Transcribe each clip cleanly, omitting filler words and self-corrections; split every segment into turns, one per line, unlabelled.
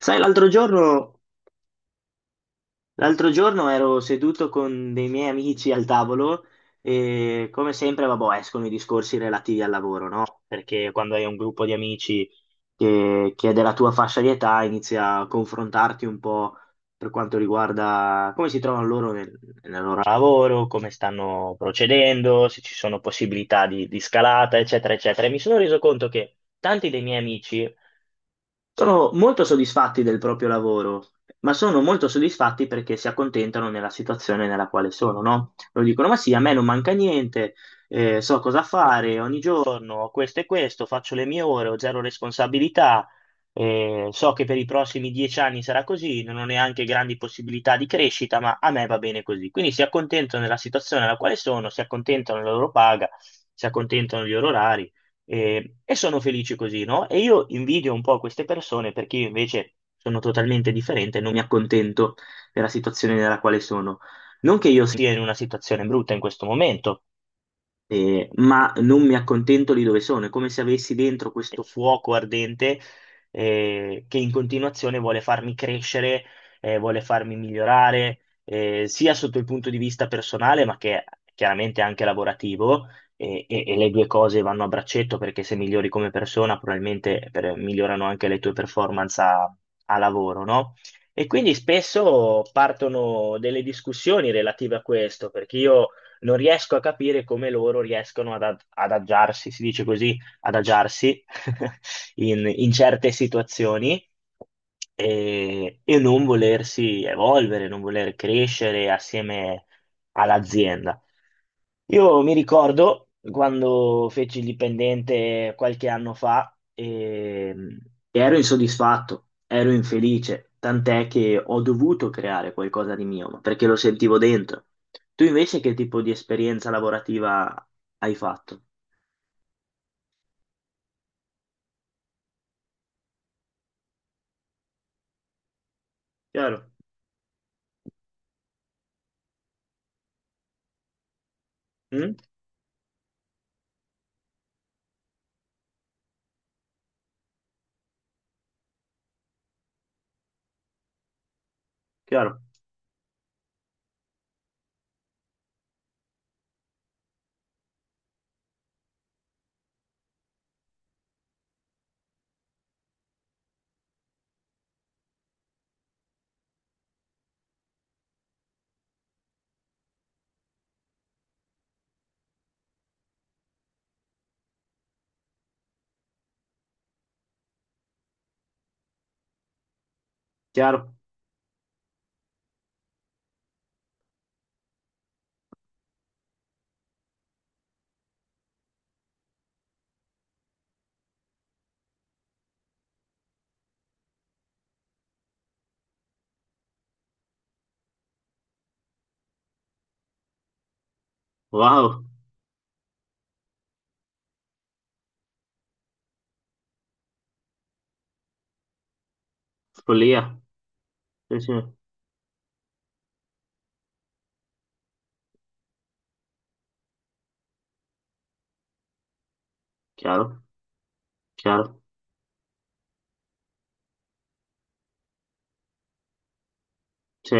Sai, l'altro giorno ero seduto con dei miei amici al tavolo e come sempre, vabbè, escono i discorsi relativi al lavoro, no? Perché quando hai un gruppo di amici che è della tua fascia di età, inizia a confrontarti un po' per quanto riguarda come si trovano loro nel loro lavoro, come stanno procedendo, se ci sono possibilità di scalata, eccetera, eccetera. E mi sono reso conto che tanti dei miei amici sono molto soddisfatti del proprio lavoro, ma sono molto soddisfatti perché si accontentano nella situazione nella quale sono, no? Lo dicono, ma sì, a me non manca niente, so cosa fare ogni giorno, ho questo e questo, faccio le mie ore, ho zero responsabilità, so che per i prossimi 10 anni sarà così, non ho neanche grandi possibilità di crescita, ma a me va bene così. Quindi si accontentano della situazione nella quale sono, si accontentano della loro paga, si accontentano degli orari e sono felici così, no? E io invidio un po' queste persone perché io invece sono totalmente differente e non mi accontento della situazione nella quale sono. Non che io sia in una situazione brutta in questo momento, ma non mi accontento di dove sono, è come se avessi dentro questo fuoco ardente che in continuazione vuole farmi crescere, vuole farmi migliorare, sia sotto il punto di vista personale, ma che chiaramente anche lavorativo, e le due cose vanno a braccetto perché se migliori come persona, probabilmente migliorano anche le tue performance a lavoro, no? E quindi spesso partono delle discussioni relative a questo, perché io non riesco a capire come loro riescono ad adagiarsi, si dice così, adagiarsi in certe situazioni e non volersi evolvere, non voler crescere assieme all'azienda. Io mi ricordo quando feci il dipendente qualche anno fa e ero insoddisfatto, ero infelice, tant'è che ho dovuto creare qualcosa di mio, ma perché lo sentivo dentro. Tu invece che tipo di esperienza lavorativa hai fatto? Chiaro? Mm? Chiaro? Chiaro? Wow, follia. Sì, sì. Chiaro? Chiaro? Sì,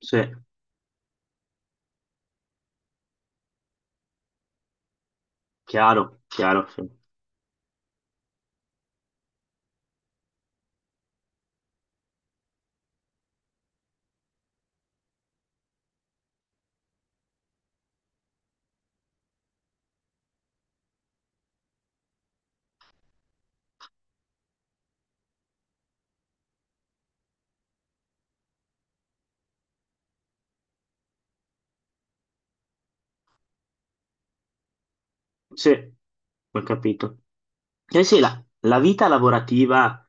sì. Chiaro? Chiaro, sì. Sì, ho capito. Eh sì, la vita lavorativa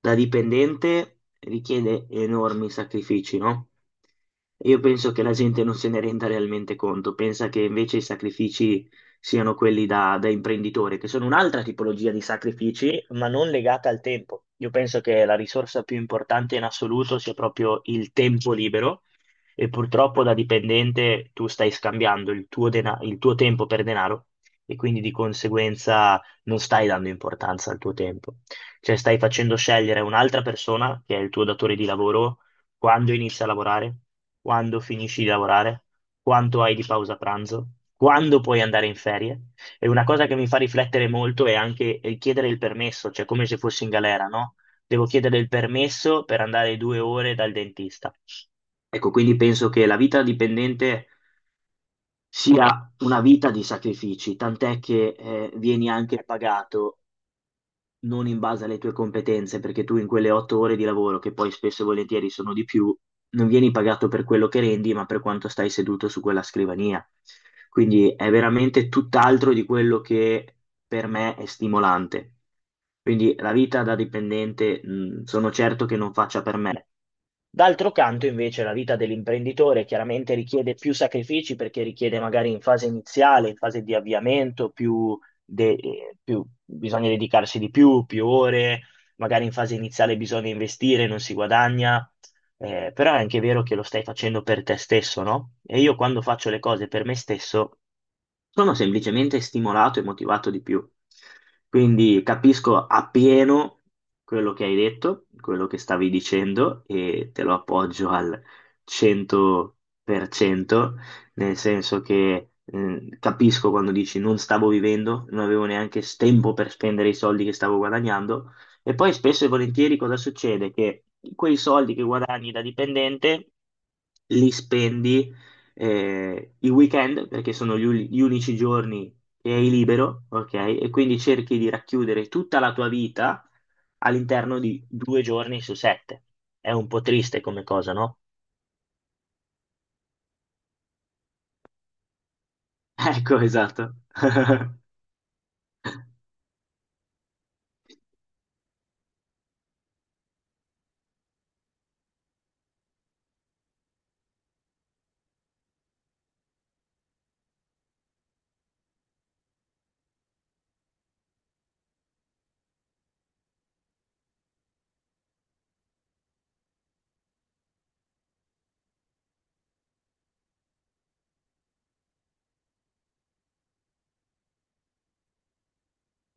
da dipendente richiede enormi sacrifici, no? Io penso che la gente non se ne renda realmente conto, pensa che invece i sacrifici siano quelli da imprenditore, che sono un'altra tipologia di sacrifici, ma non legata al tempo. Io penso che la risorsa più importante in assoluto sia proprio il tempo libero e purtroppo da dipendente tu stai scambiando il tuo il tuo tempo per denaro e quindi di conseguenza non stai dando importanza al tuo tempo, cioè stai facendo scegliere un'altra persona, che è il tuo datore di lavoro, quando inizi a lavorare, quando finisci di lavorare, quanto hai di pausa pranzo, quando puoi andare in ferie. E una cosa che mi fa riflettere molto è anche chiedere il permesso, cioè come se fossi in galera, no? Devo chiedere il permesso per andare 2 ore dal dentista. Ecco, quindi penso che la vita dipendente sia una vita di sacrifici, tant'è che vieni anche pagato non in base alle tue competenze, perché tu in quelle 8 ore di lavoro, che poi spesso e volentieri sono di più, non vieni pagato per quello che rendi, ma per quanto stai seduto su quella scrivania. Quindi è veramente tutt'altro di quello che per me è stimolante. Quindi la vita da dipendente, sono certo che non faccia per me. D'altro canto, invece, la vita dell'imprenditore chiaramente richiede più sacrifici perché richiede magari in fase iniziale, in fase di avviamento, più, bisogna dedicarsi di più, più ore, magari in fase iniziale bisogna investire, non si guadagna, però è anche vero che lo stai facendo per te stesso, no? E io quando faccio le cose per me stesso sono semplicemente stimolato e motivato di più. Quindi capisco appieno quello che hai detto, quello che stavi dicendo e te lo appoggio al 100%, nel senso che capisco quando dici non stavo vivendo, non avevo neanche tempo per spendere i soldi che stavo guadagnando e poi spesso e volentieri cosa succede? Che quei soldi che guadagni da dipendente li spendi i weekend, perché sono gli unici giorni che hai libero, ok? E quindi cerchi di racchiudere tutta la tua vita all'interno di 2 giorni su 7. È un po' triste come cosa, no? Ecco, esatto.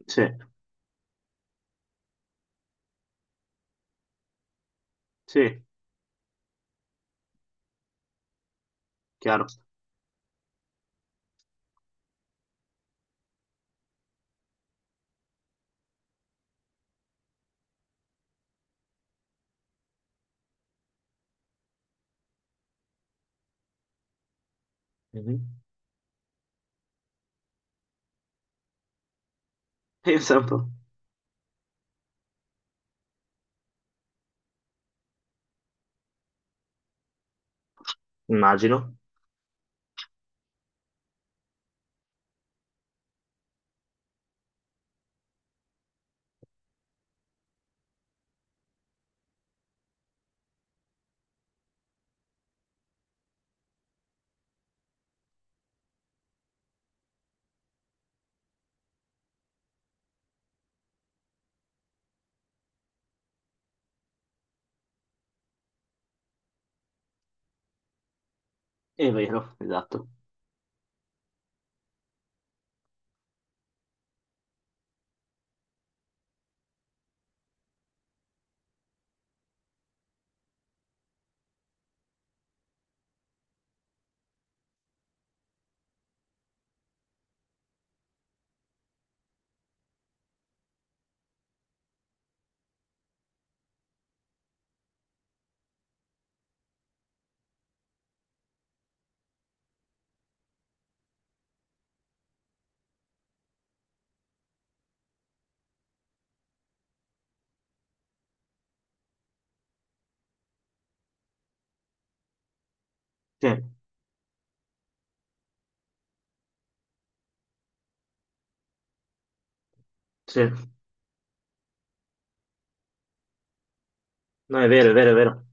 Sì, sì, chiaro. Mhm. Pensa un po'. Immagino. È vero, esatto. Sì, sì. No, è vero, è vero, è vero.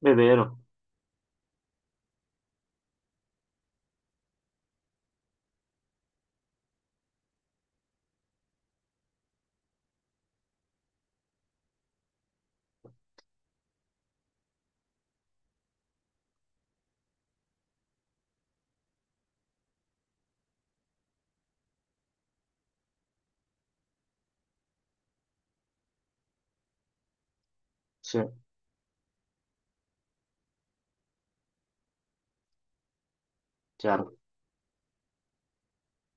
È vero. Sì, chiaro.